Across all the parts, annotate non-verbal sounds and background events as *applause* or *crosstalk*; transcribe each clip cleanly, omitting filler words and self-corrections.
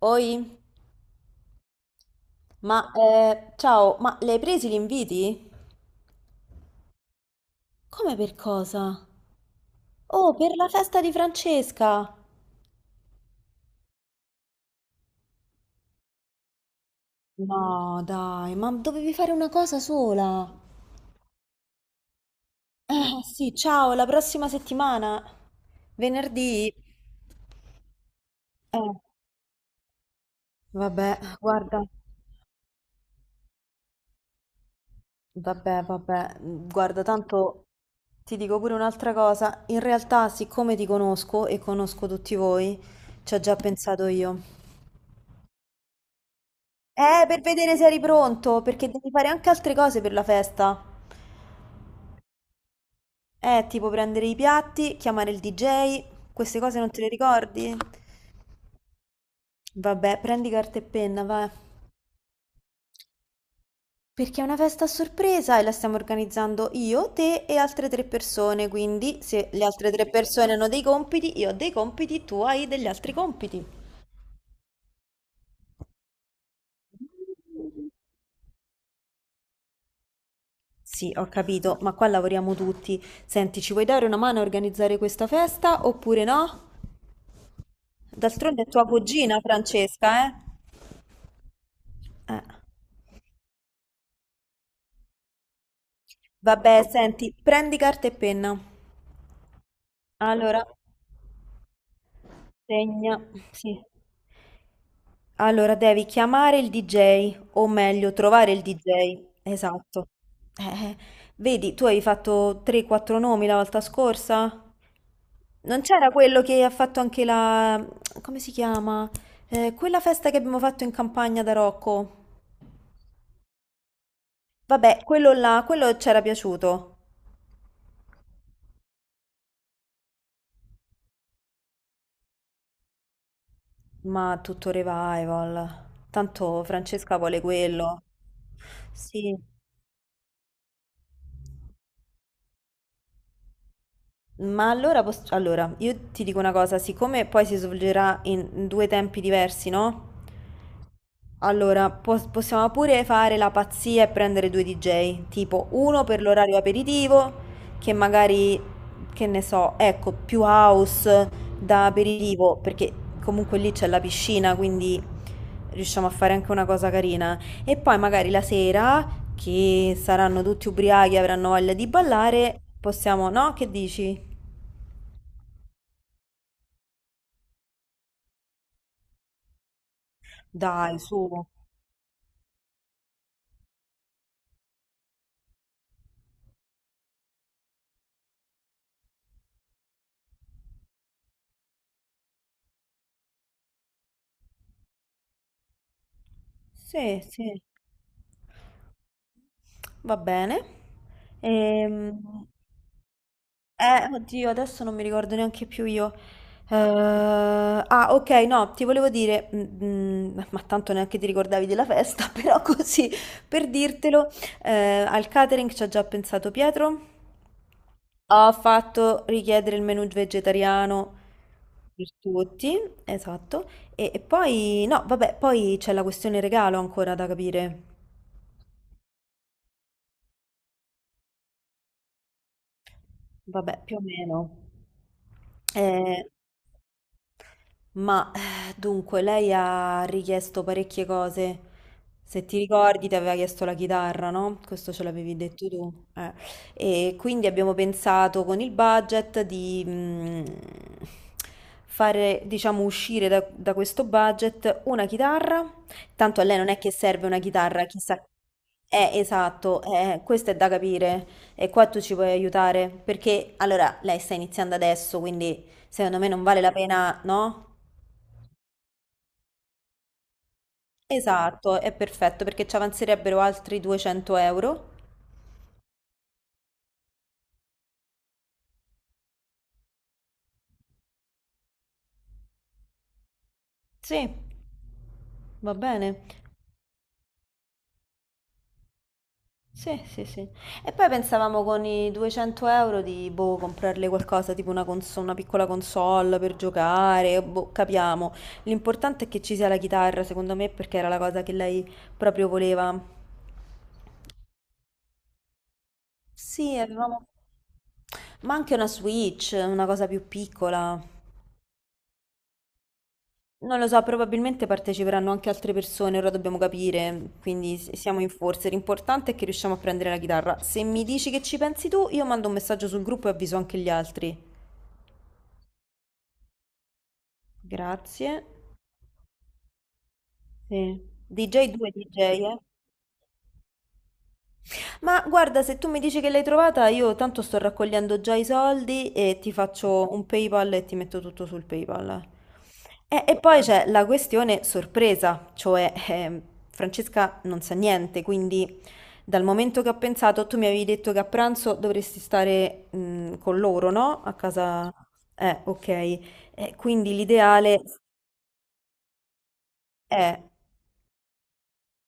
Oi, ma ciao, ma le hai presi gli inviti? Come per cosa? Oh, per la festa di Francesca! No, dai, ma dovevi fare una cosa sola. Sì, ciao, la prossima settimana. Venerdì. Eh, vabbè, guarda, tanto ti dico pure un'altra cosa. In realtà, siccome ti conosco e conosco tutti voi, ci ho già pensato io. Per vedere se eri pronto, perché devi fare anche altre cose per la festa. Tipo prendere i piatti, chiamare il DJ, queste cose non te le ricordi? Vabbè, prendi carta e penna, va. Perché è una festa a sorpresa e la stiamo organizzando io, te e altre tre persone, quindi se le altre tre persone hanno dei compiti, io ho dei compiti, tu hai degli altri compiti. Sì, ho capito, ma qua lavoriamo tutti. Senti, ci vuoi dare una mano a organizzare questa festa oppure no? D'altronde è tua cugina, Francesca, eh? Eh. Vabbè, senti, prendi carta e penna. Allora, segna. Sì. Allora, devi chiamare il DJ, o meglio, trovare il DJ. Esatto. Eh. Vedi, tu hai fatto 3-4 nomi la volta scorsa? Non c'era quello che ha fatto anche la... Come si chiama? Quella festa che abbiamo fatto in campagna da Rocco. Vabbè, quello là, quello c'era piaciuto. Ma tutto revival. Tanto Francesca vuole quello. Sì, ma allora, io ti dico una cosa, siccome poi si svolgerà in due tempi diversi, no? Allora, possiamo pure fare la pazzia e prendere due DJ, tipo uno per l'orario aperitivo, che magari, che ne so, ecco, più house da aperitivo, perché comunque lì c'è la piscina, quindi riusciamo a fare anche una cosa carina. E poi magari la sera, che saranno tutti ubriachi e avranno voglia di ballare, possiamo, no? Che dici? Dai, su. Sì, sì. Va bene. Ehm, oddio, adesso non mi ricordo neanche più io. Ah, ok, no, ti volevo dire, ma tanto neanche ti ricordavi della festa, *laughs* però così per dirtelo, al catering ci ha già pensato Pietro. Ho fatto richiedere il menù vegetariano per tutti, esatto. E poi, no, vabbè, poi c'è la questione regalo ancora da capire. Vabbè, più o meno. Eh, Ma dunque, lei ha richiesto parecchie cose. Se ti ricordi, ti aveva chiesto la chitarra, no? Questo ce l'avevi detto tu. Eh. E quindi abbiamo pensato con il budget di fare, diciamo, uscire da questo budget una chitarra. Tanto a lei non è che serve una chitarra, chissà. Esatto, questo è da capire e qua tu ci puoi aiutare perché allora lei sta iniziando adesso, quindi secondo me non vale la pena, no? Esatto, è perfetto perché ci avanzerebbero altri 200 euro. Sì, va bene. Sì, sì, sì. E poi pensavamo con i 200 euro di, boh, comprarle qualcosa, tipo una piccola console per giocare, boh, capiamo. L'importante è che ci sia la chitarra, secondo me, perché era la cosa che lei proprio voleva. Sì, avevamo... Ma anche una Switch, una cosa più piccola. Non lo so, probabilmente parteciperanno anche altre persone, ora dobbiamo capire, quindi siamo in forze. L'importante è che riusciamo a prendere la chitarra. Se mi dici che ci pensi tu, io mando un messaggio sul gruppo e avviso anche gli altri. Grazie. Sì. DJ 2 DJ, eh? Ma guarda, se tu mi dici che l'hai trovata, io tanto sto raccogliendo già i soldi e ti faccio un PayPal e ti metto tutto sul PayPal. E va poi bene. C'è la questione sorpresa, cioè Francesca non sa niente, quindi dal momento che ho pensato, tu mi avevi detto che a pranzo dovresti stare con loro, no? A casa... ok. Quindi l'ideale è...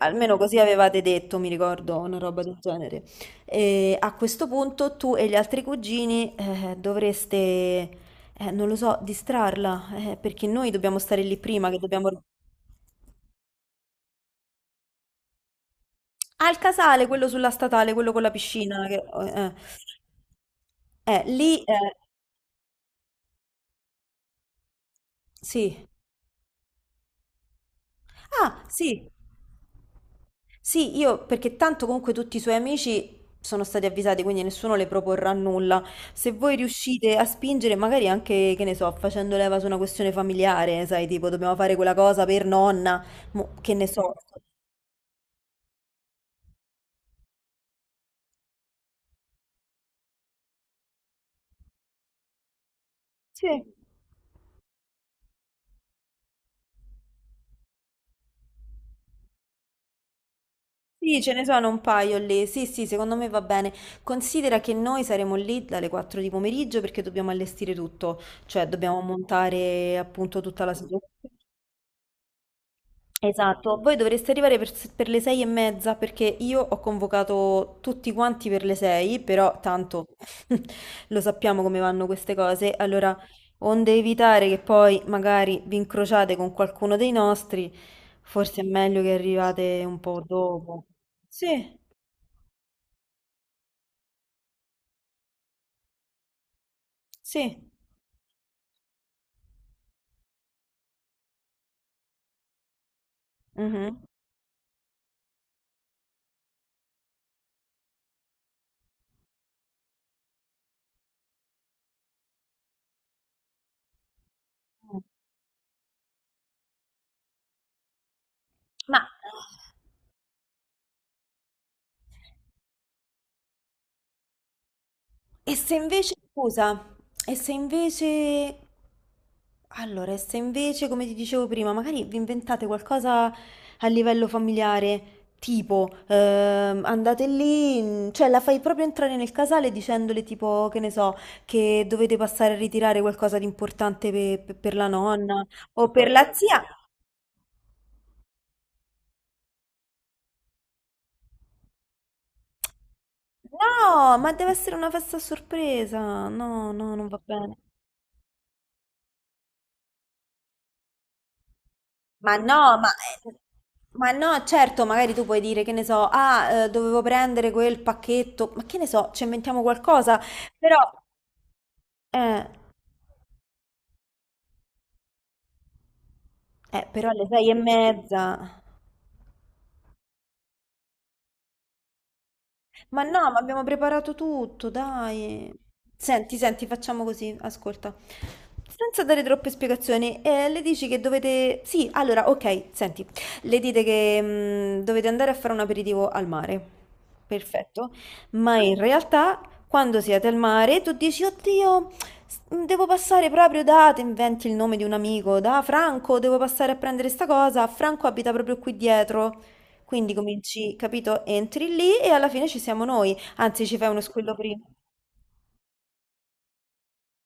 Almeno così avevate detto, mi ricordo, una roba del genere. E a questo punto tu e gli altri cugini dovreste, non lo so, distrarla, perché noi dobbiamo stare lì prima, che dobbiamo... Ah, il casale, quello sulla statale, quello con la piscina. Che... lì... sì. Ah, sì. Sì, io perché tanto comunque tutti i suoi amici sono stati avvisati, quindi nessuno le proporrà nulla. Se voi riuscite a spingere, magari anche, che ne so, facendo leva su una questione familiare, sai, tipo dobbiamo fare quella cosa per nonna, mo, che ne so. Sì. Sì, ce ne sono un paio lì. Sì, sì, secondo me va bene. Considera che noi saremo lì dalle 4 di pomeriggio perché dobbiamo allestire tutto, cioè dobbiamo montare appunto tutta la situazione. Esatto, voi dovreste arrivare per le 6:30 perché io ho convocato tutti quanti per le 6, però tanto *laughs* lo sappiamo come vanno queste cose, allora onde evitare che poi magari vi incrociate con qualcuno dei nostri, forse è meglio che arrivate un po' dopo. Sì, sì. Mhm. Ma E se invece, scusa, e se invece, e se invece, come ti dicevo prima, magari vi inventate qualcosa a livello familiare, tipo, andate lì, cioè la fai proprio entrare nel casale dicendole tipo, che ne so, che dovete passare a ritirare qualcosa di importante per la nonna o per la zia. No, ma deve essere una festa a sorpresa. No, no, non va bene. Ma no, ma no, certo, magari tu puoi dire che ne so, ah, dovevo prendere quel pacchetto, ma che ne so, ci inventiamo qualcosa, però, eh, però alle 6:30. Ma no, ma abbiamo preparato tutto, dai. Senti, senti, facciamo così, ascolta. Senza dare troppe spiegazioni, le dici che dovete... Sì, allora, ok, senti. Le dite che dovete andare a fare un aperitivo al mare. Perfetto. Ma in realtà, quando siete al mare, tu dici, oddio, devo passare proprio da... Te inventi il nome di un amico, da Franco, devo passare a prendere sta cosa. Franco abita proprio qui dietro. Quindi cominci, capito? Entri lì e alla fine ci siamo noi. Anzi, ci fai uno squillo prima.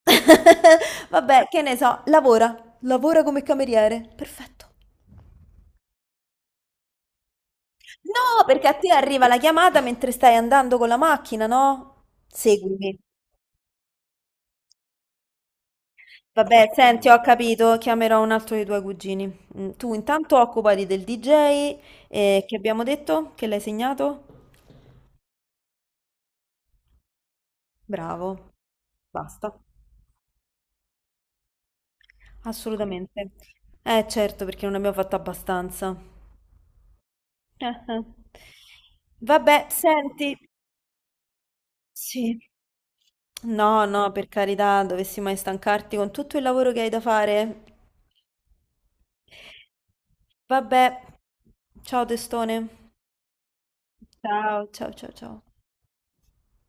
*laughs* Vabbè, che ne so, lavora come cameriere. Perfetto. No, perché a te arriva la chiamata mentre stai andando con la macchina, no? Seguimi. Vabbè, senti, ho capito, chiamerò un altro dei tuoi cugini. Tu intanto occupati del DJ, che abbiamo detto? Che l'hai segnato? Bravo, basta. Assolutamente. Eh certo, perché non abbiamo fatto abbastanza. Ah-ah. Vabbè, senti, sì. No, no, per carità, dovessi mai stancarti con tutto il lavoro che hai da fare. Vabbè, ciao testone. Ciao, ciao, ciao, ciao.